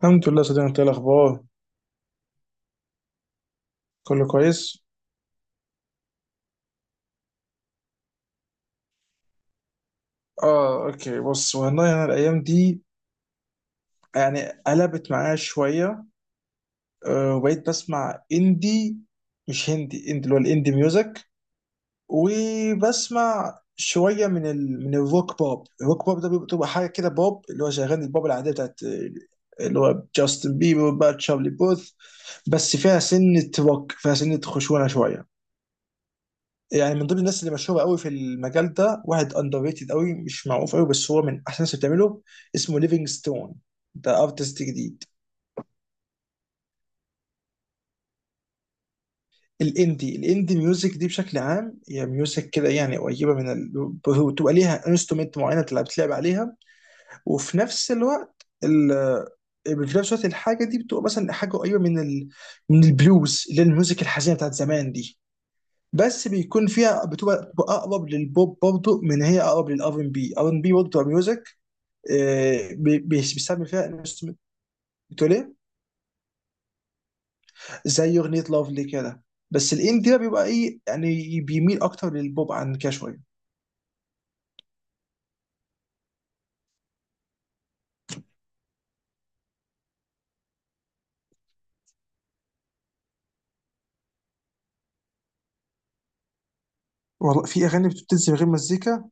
الحمد لله صديقي، انت ايه الاخبار؟ كله كويس. اه، اوكي، بص والله انا الايام دي يعني قلبت معايا شويه. وبقيت بسمع اندي، مش هندي، اندي اللي هو الاندي ميوزك. وبسمع شويه من الروك بوب. الروك بوب ده بتبقى حاجه كده، بوب اللي هو شغال، البوب العاديه بتاعت اللي هو جاستن بيبر بقى، تشارلي بوث. بس فيها سنه روك، فيها سنه خشونه شويه. يعني من ضمن الناس اللي مشهوره قوي في المجال ده، واحد اندر ريتد قوي، مش معروف قوي، بس هو من احسن الناس اللي بتعمله. اسمه ليفينج ستون، ده ارتست جديد. الاندي ميوزك دي بشكل عام هي ميوزك كده، يعني قريبه بتبقى ليها انسترومنت معينه تلعب عليها. وفي نفس الوقت في نفس الوقت الحاجه دي بتبقى مثلا حاجه قريبه من البلوز اللي هي الميوزك الحزينه بتاعت زمان دي. بس بيكون فيها بتبقى اقرب للبوب برضه، من هي اقرب للار ان بي، ار ان بي برضه بتبقى ميوزك. بيستعمل فيها انسترومنت. بتقول ايه؟ زي اغنيه لافلي كده. بس الاندي ده بيبقى ايه، يعني بيميل اكتر للبوب عن كده شويه. والله في اغاني بتنزل من غير مزيكا.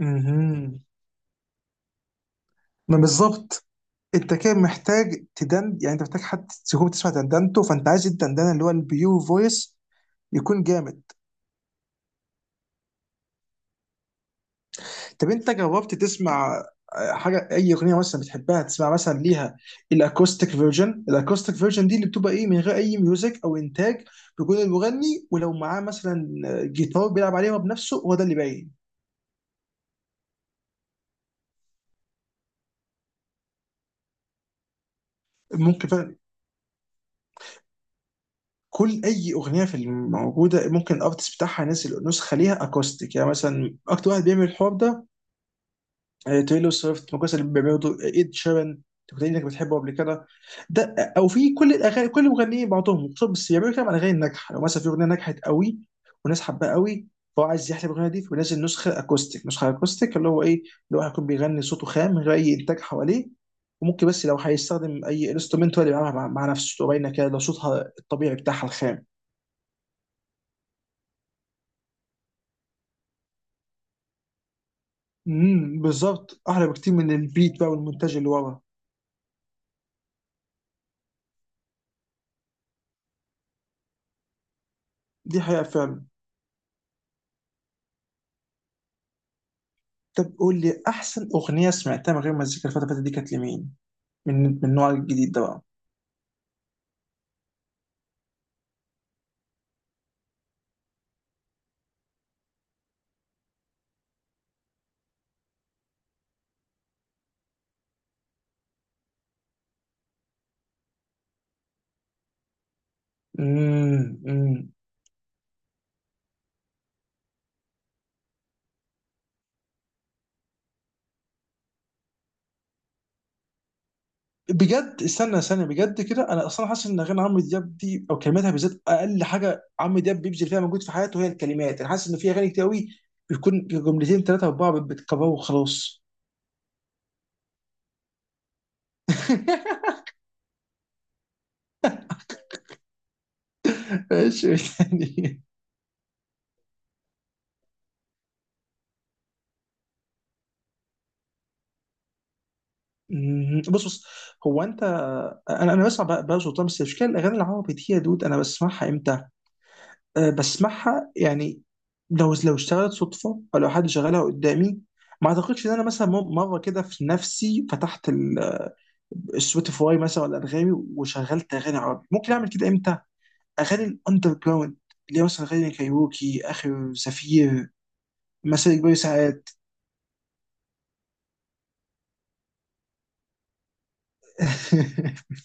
امم ما بالظبط. انت كده محتاج تدند، يعني انت محتاج حد تكون تسمع دندنته، فانت عايز الدندنه اللي هو البيور فويس، يكون جامد. طب انت جربت تسمع حاجه، اي اغنيه مثلا بتحبها تسمع مثلا ليها؟ الاكوستيك فيرجن دي اللي بتبقى ايه، من غير اي ميوزك او انتاج. بيكون المغني، ولو معاه مثلا جيتار بيلعب عليها بنفسه، هو ده اللي باين. ممكن فعلا. كل اي اغنيه في الموجوده ممكن الارتست بتاعها ينزل نسخه ليها اكوستيك. يعني مثلا اكتر واحد بيعمل الحوار ده تايلور سويفت، من القصة اللي بيعملوا، ايد شيران. كنت قايل انك بتحبه قبل كده. ده او في كل الاغاني، كل المغنيين بعضهم خصوصا بس يعملوا كده على الاغاني الناجحه. لو مثلا في اغنيه نجحت قوي والناس حباها قوي، فهو عايز يحلب الاغنيه دي فينزل نسخه اكوستيك. نسخه اكوستيك اللي هو ايه؟ اللي هو هيكون بيغني صوته خام، من غير اي انتاج حواليه. وممكن بس لو هيستخدم اي انسترومنت هو اللي بيعملها مع نفسه، تبقى باينه كده، لو صوتها الطبيعي بتاعها الخام. بالظبط، احلى بكتير من البيت بقى والمونتاج اللي ورا. دي حقيقه فعلا. طب قول لي احسن اغنيه سمعتها من غير مزيكا الفتره اللي فاتت دي كانت لمين؟ من النوع الجديد ده بقى. امم امم بجد، استنى استنى، بجد كده انا اصلا حاسس ان اغاني عمرو دياب دي او كلماتها بالذات اقل حاجه عمرو دياب بيبذل فيها مجهود في حياته هي الكلمات. انا حاسس ان في اغاني كتير قوي بيكون جملتين، ثلاثه، اربعه، بتكبروا وخلاص. ماشي، يعني. مم. بص بص، هو انت انا بسمع بقى سلطان. بس مش كده الاغاني العربي دي يا دود، انا بسمعها امتى؟ أه، بسمعها يعني. لو اشتغلت صدفه، او لو حد شغلها قدامي. ما اعتقدش ان انا مثلا مره كده في نفسي فتحت السبوتيفاي مثلا ولا انغامي وشغلت اغاني عربي. ممكن اعمل كده امتى؟ اغاني الاندر جراوند، اللي هي مثلا اغاني كايروكي، اخر زفير، مساء كبير ساعات.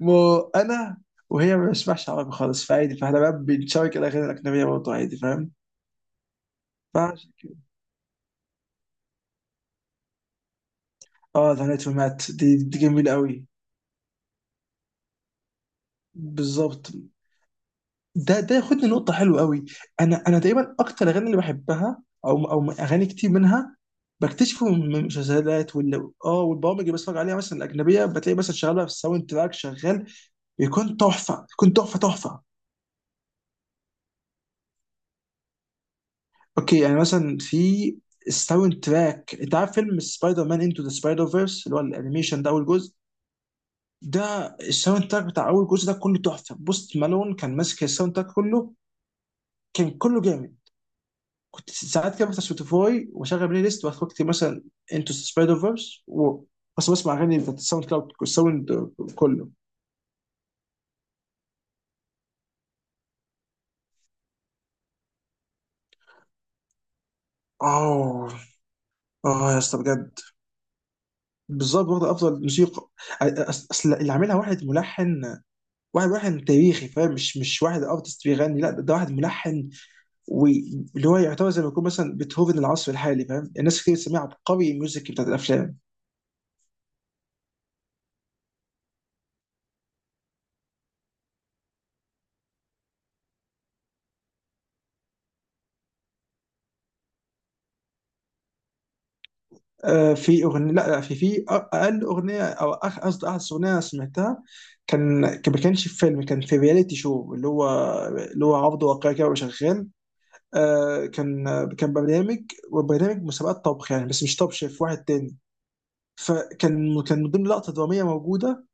مو انا. وهي ما بسمعش عربي خالص، فعادي، فاحنا بقى بنشارك الاغاني الاجنبيه برضه، عادي، فاهم. فعشان كده. اه، ذا نايت مات، دي جميله قوي. بالظبط، ده ياخدني نقطة حلوة قوي. أنا تقريبا أكتر الأغاني اللي بحبها أو أغاني كتير منها بكتشفه من المسلسلات والبرامج اللي بتفرج عليها مثلا الأجنبية، بتلاقي مثلا شغالة في الساوند تراك شغال. بيكون تحفة، بيكون تحفة تحفة. أوكي، يعني مثلا في الساوند تراك، أنت عارف فيلم سبايدر مان انتو ذا سبايدر فيرس، اللي هو الأنيميشن ده أول جزء. ده الساوند تراك بتاع أول جزء ده كله تحفة. بوست مالون كان ماسك الساوند تراك كله، كان كله جامد. كنت ساعات كده بفتح سبوتيفاي واشغل بلاي ليست واخد وقتي، مثلا انتو سبايدر فيرس بس بسمع اغاني بتاعت الساوند كلاود، الساوند كله. اه، اه، يا اسطى بجد. بالظبط، واخد افضل موسيقى. اصل اللي عاملها واحد ملحن. واحد ملحن تاريخي، فاهم، مش واحد ارتست بيغني، لا ده واحد ملحن. واللي هو يعتبر زي ما يكون مثلا بيتهوفن العصر الحالي، فاهم، الناس كتير بتسميه عبقري الميوزك بتاعت الافلام. في اغنيه، لا، لا، في اقل اغنيه، او قصدي احدث اغنيه أنا سمعتها. ما كانش في فيلم، كان في رياليتي شو اللي هو اللي هو عرض واقعي كده، وشغال. آه، كان كان برنامج، وبرنامج مسابقات طبخ، يعني بس مش طب شيف، واحد تاني. فكان من ضمن لقطه دراميه موجوده.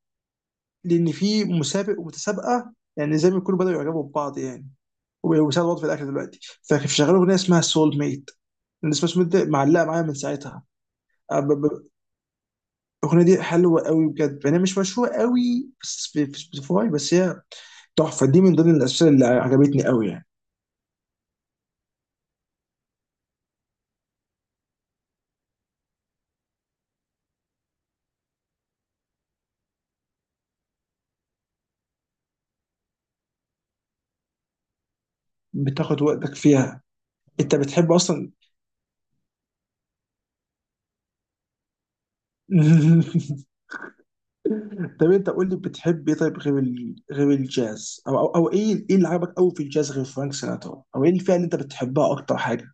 لان في مسابق ومتسابقه، يعني زي ما يكونوا بداوا يعجبوا ببعض، يعني. وبيساعدوا بعض في الاكل دلوقتي. فكان شغال اغنيه اسمها سول ميت. الناس مش معلقه معايا من ساعتها. الاغنيه دي حلوه قوي بجد، يعني مش مشهوره قوي، في سبوتيفاي بس هي تحفه، دي من ضمن الاسئله اللي عجبتني قوي يعني. بتاخد وقتك فيها. انت بتحب اصلا. طب انت قول لي بتحب ايه طيب، غير غير الجاز، أو ايه اللي عجبك قوي في الجاز غير فرانك سيناترا، او ايه الفئه اللي انت بتحبها اكتر حاجه؟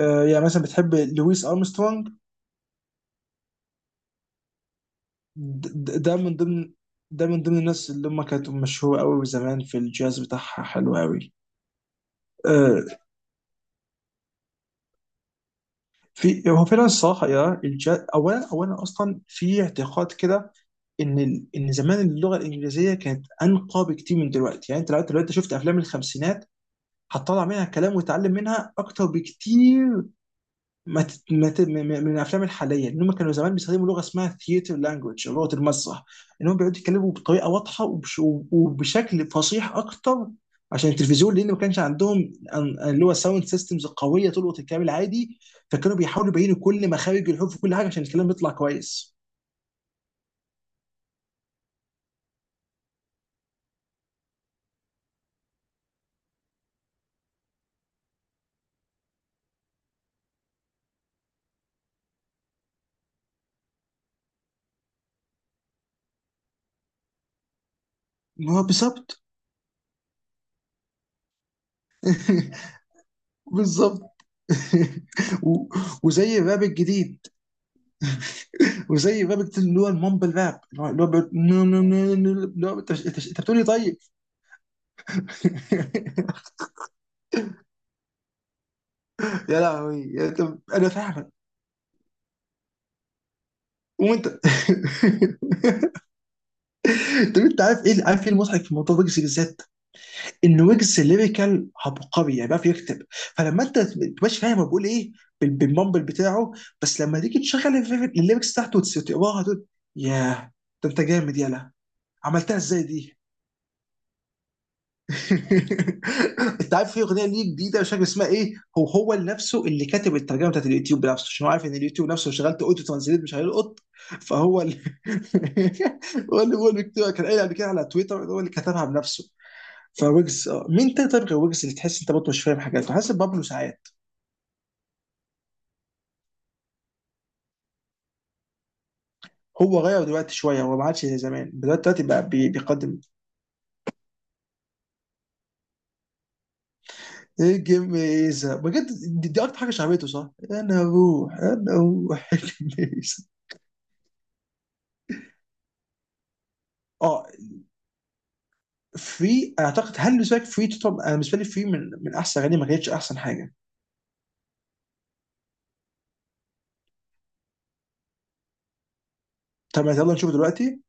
يعني مثلا بتحب لويس ارمسترونج. د- د- ده من ضمن ده من ضمن الناس اللي هم كانت مشهوره قوي زمان، في الجاز بتاعها حلو قوي. آه، في، هو فعلا الصراحه، اولا اصلا في اعتقاد كده ان زمان اللغه الانجليزيه كانت انقى بكتير من دلوقتي، يعني انت لو دلوقتي شفت افلام الخمسينات هتطلع منها كلام وتتعلم منها اكتر بكتير ما تت... ما ت... م- م- من الافلام الحاليه. ان هم كانوا زمان بيستخدموا لغه اسمها ثياتر لانجوج، لغه المسرح. ان هم بيقعدوا يتكلموا بطريقه واضحه، وبشكل فصيح اكتر، عشان التلفزيون، لان ما كانش عندهم اللي هو ساوند سيستمز قويه تلقط الكلام العادي. فكانوا بيحاولوا يبينوا كل مخارج الحروف وكل حاجه عشان الكلام يطلع كويس. ما هو بالظبط. بالظبط و- وزي الراب الجديد وزي الراب الجديد، اللي هو المامبل راب، اللي هو اللي هو انت إنت بتقول لي طيب. يا لهوي، طب انا فاهمك. وانت. طب انت عارف ايه المضحك في موضوع ويجز بالذات؟ ان ويجز ليريكال عبقري، يعني بيعرف يكتب. فلما انت تبقاش فاهم هو بيقول ايه بالمامبل بتاعه، بس لما تيجي تشغل الليركس بتاعته وتقراها تقول: ياه، ده انت جامد، يلا. عملتها ازاي دي؟ انت عارف في اغنيه ليه جديده مش فاكر اسمها ايه، هو هو نفسه اللي كاتب الترجمه بتاعت اليوتيوب بنفسه عشان هو عارف ان اليوتيوب نفسه لو شغلت اوتو ترانزليت مش هيلقط. فهو اللي هو اللي كتبها، كان قايل قبل كده على تويتر إن هو اللي كتبها بنفسه. فويجز آه. مين تاني طيب غير ويجز اللي تحس انت برضه مش فاهم حاجات، حاسس بابلو ساعات. هو غير دلوقتي شويه، هو ما عادش زي زمان، دلوقتي بقى بيقدم. ايه، جميزه بجد. دي اكتر حاجه شعبيته، صح؟ انا اروح الجميزه، اه، فري، اعتقد هل بالنسبه لك فري تطلب؟ انا بالنسبه لي فري من احسن اغاني، ما كانتش احسن حاجه. طب يلا نشوف دلوقتي.